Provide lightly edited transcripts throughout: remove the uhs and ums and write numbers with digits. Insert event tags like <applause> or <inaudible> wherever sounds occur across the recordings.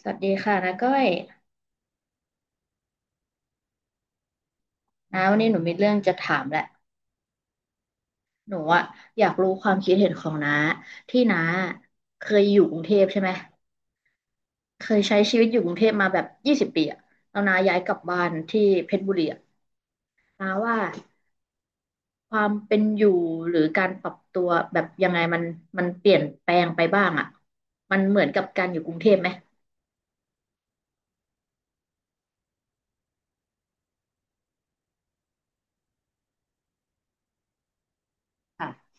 สวัสดีค่ะนาก้อยนาวันนี้หนูมีเรื่องจะถามแหละหนูอะอยากรู้ความคิดเห็นของน้าที่น้าเคยอยู่กรุงเทพใช่ไหมเคยใช้ชีวิตอยู่กรุงเทพมาแบบยี่สิบปีอะแล้วน้าย้ายกลับบ้านที่เพชรบุรีอะน้าว่าความเป็นอยู่หรือการปรับตัวแบบยังไงมันเปลี่ยนแปลงไปบ้างอะมันเหมือนกับการอยู่กรุงเทพไหมค่ะ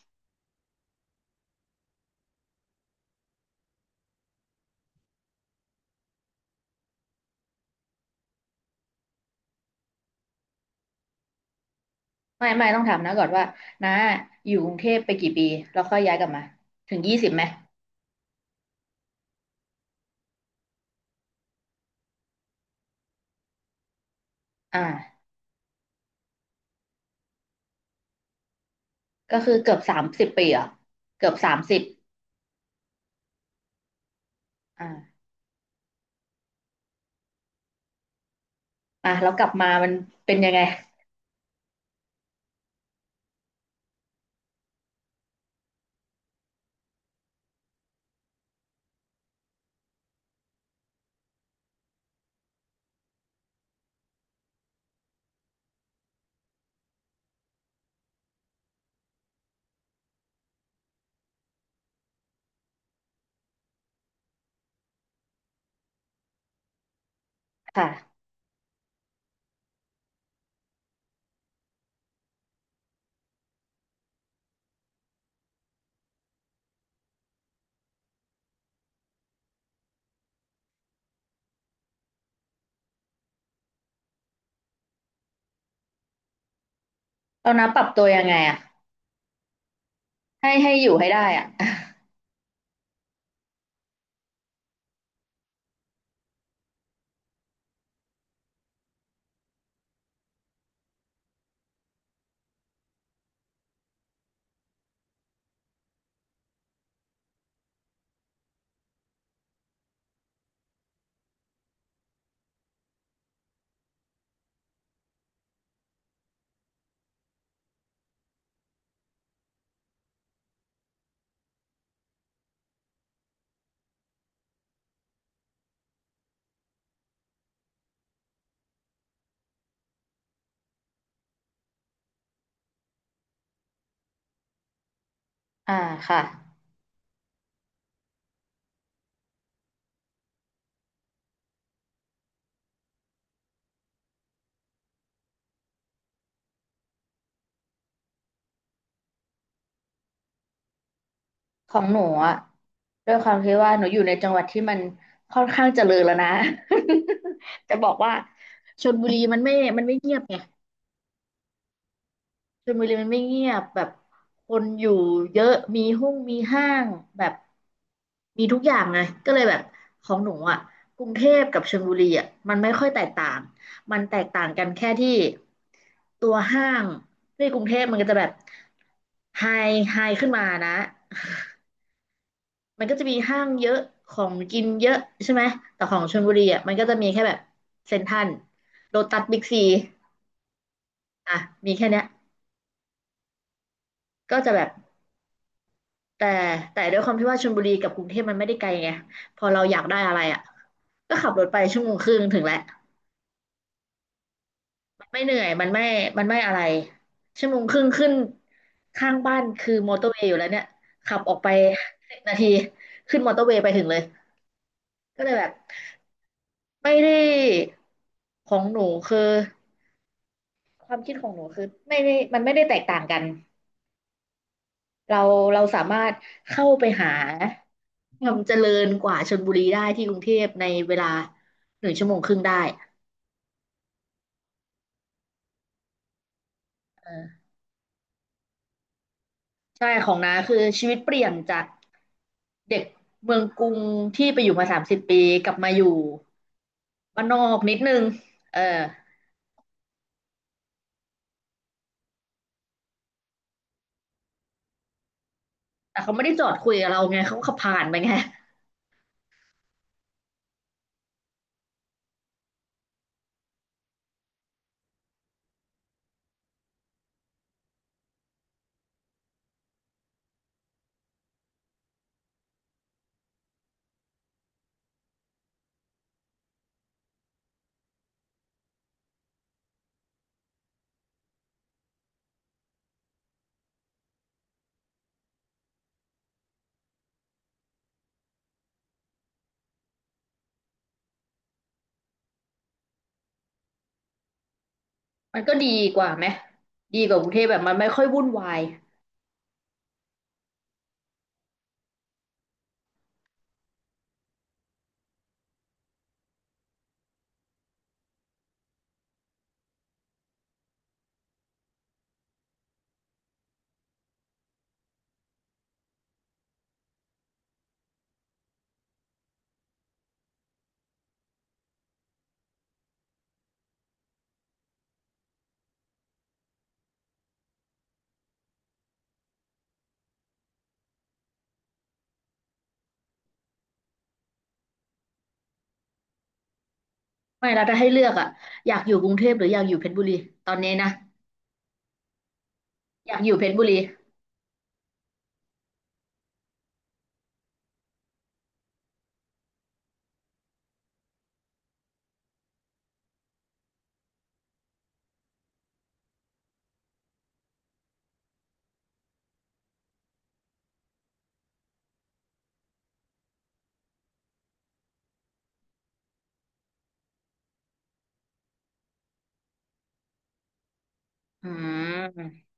ไม่ไม่ต้องถามนาก่อนว่าน้าอยู่กรุงเทพไปกี่ปีแล้วค่อยย้ายกลับมาถึงยี่สิบไหมอ่า ก็คือเกือบสามสิบปีอ่ะเกือบสามสิบอ่าอ่ะแล้วกลับมามันเป็นยังไงค่ะเรานะปรับตัวยังไงอ่ะให้อยู่ให้ได้อ่ะอ่าค่ะของหนูอ่ะด้วยความที่ว่าหนูอยู่ในจังหวัดที่มันค่อนข้างเจริญแล้วนะ <laughs> จะบอกว่าชลบุรีมันไม่เงียบไง ชลบุรีมันไม่เงียบแบบคนอยู่เยอะมีห้องมีห้างแบบมีทุกอย่างไงก็เลยแบบของหนูอ่ะกรุงเทพกับชลบุรีอ่ะมันไม่ค่อยแตกต่างมันแตกต่างกันแค่ที่ตัวห้างที่กรุงเทพมันก็จะแบบไฮไฮขึ้นมานะมันก็จะมีห้างเยอะของกินเยอะใช่ไหมแต่ของชลบุรีอ่ะมันก็จะมีแค่แบบเซ็นทรัลโลตัสบิ๊กซีอ่ะมีแค่เนี้ยก็จะแบบ แต่แต่ด้วยความที่ว่าชลบุรีกับกรุงเทพมันไม่ได้ไกลไงพอเราอยากได้อะไรอ่ะก็ขับรถไปชั่วโมงครึ่งถึงแล้วมันไม่เหนื่อยมันไม่อะไรชั่วโมงครึ่งขึ้นข้างบ้านคือมอเตอร์เวย์อยู่แล้วเนี่ยขับออกไปสิบนาทีขึ้นมอเตอร์เวย์ไปถึงเลยก็เลยแบบไม่ได้ของหนูคือความคิดของหนูคือไม่ได้มันไม่ได้แตกต่างกัน เราเราสามารถเข้าไปหาความเจริญกว่าชลบุรีได้ที่กรุงเทพในเวลาหนึ่งชั่วโมงครึ่งได้เออใช่ของน้าคือชีวิตเปลี่ยนจากเด็กเมืองกรุงที่ไปอยู่มาสามสิบปีกลับมาอยู่บ้านนอกนิดนึงเออแต่เขาไม่ได้จอดคุยกับเราไงเขาขับผ่านไปไงมันก็ดีกว่าไหมดีกว่ากรุงเทพแบบมันไม่ค่อยวุ่นวายไม่แล้วถ้าให้เลือกอ่ะอยากอยู่กรุงเทพหรืออยากอยู่เพชรบุรีตอนนี้นะอยากอยู่เพชรบุรีอืม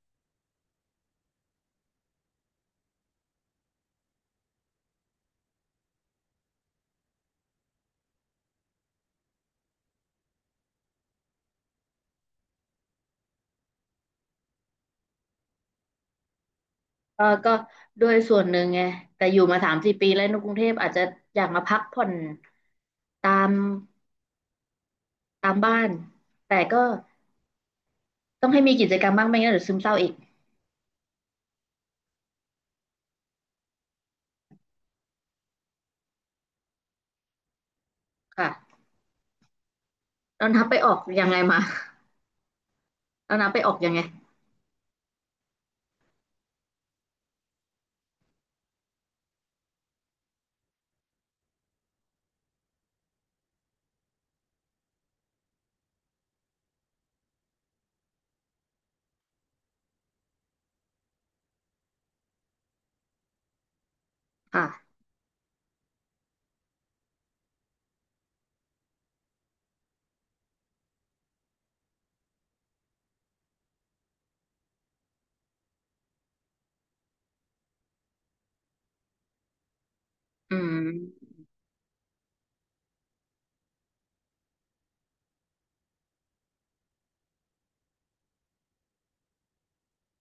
เออก็ด้วยส่วนหนึ่งไงแต่อยู่มาสามสี่ปีแล้วในกรุงเทพอาจจะอยากมาพักผ่อนตามตามบ้านแต่ก็ต้องให้มีกิจกรรมบ้างไม่งั้นเดี๋ยวซึมเศร้าอีกค่ะแล้วนับไปออกยังไงมาแล้วนับไปออกยังไงค่ะอืม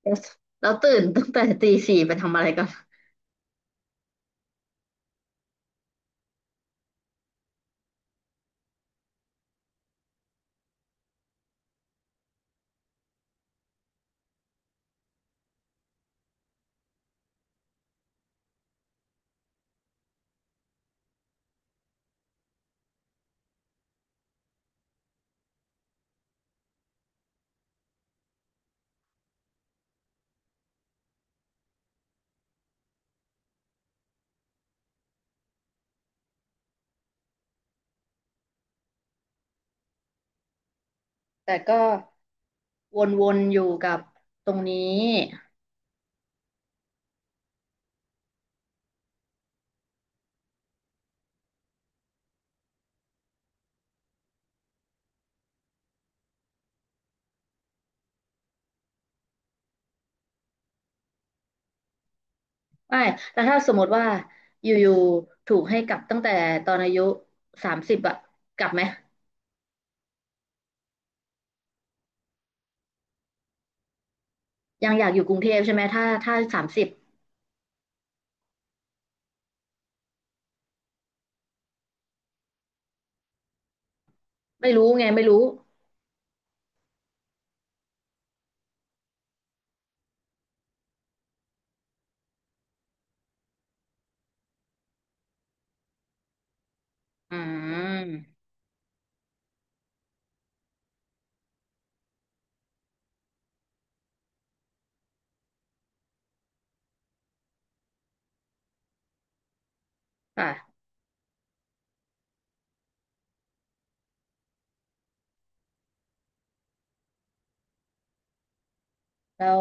แล้วแล้วตื่นตั้งแต่ตีสี่ไปทำอะไรก่อนแต่ก็วนๆอยู่กับตรงนี้ไม่แล้วถ้าสมมติว่าอยู่ๆถูกให้กลับตั้งแต่ตอนอายุสามสิบอะกลับไหม ยังอยากอยู่กรุงเทพใช่ไหมถ้าสามสิบไม่รู้ไงไม่รู้อืมค่ะแล้ว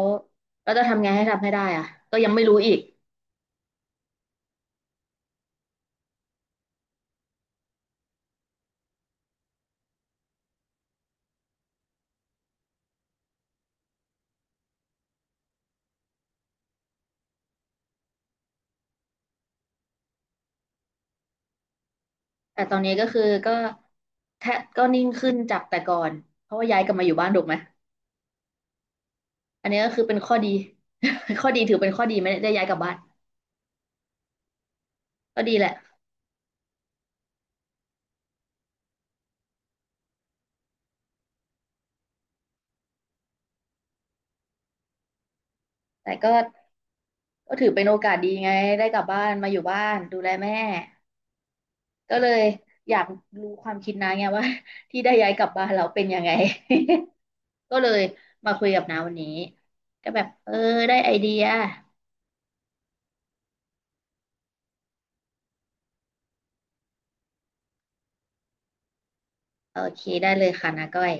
แลจะทำไงให้ทำให้ได้อะก็ยังไม่รู้อีกแต่ตอนนี้ก็คือแทบก็นิ่งขึ้นจากแต่ก่อนเพราะว่าย้ายกลับมาอยู่บ้านถูกไหมอันนี้ก็คือเป็นข้อดี <laughs> ข้อดีถือเป็นข้อดีไม่ได้ย้ายกลับบ้านก็ดีแหละ แต่ก็ถือเป็นโอกาสดีไงได้กลับบ้านมาอยู่บ้านดูแลแม่ก็เลยอยากรู้ความคิดนะไงว่า <laughs> ที่ได้ย้ายกลับบ้านเราเป็นยังไง ก็เลยมาคุยกับน้าวันนี้ก็แบบเออได้ไอเดียโอเคได้เลยค่ะนาก้อย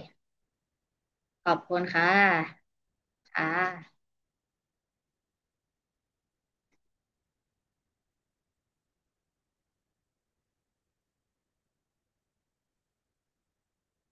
ขอบคุณค่ะค่ะ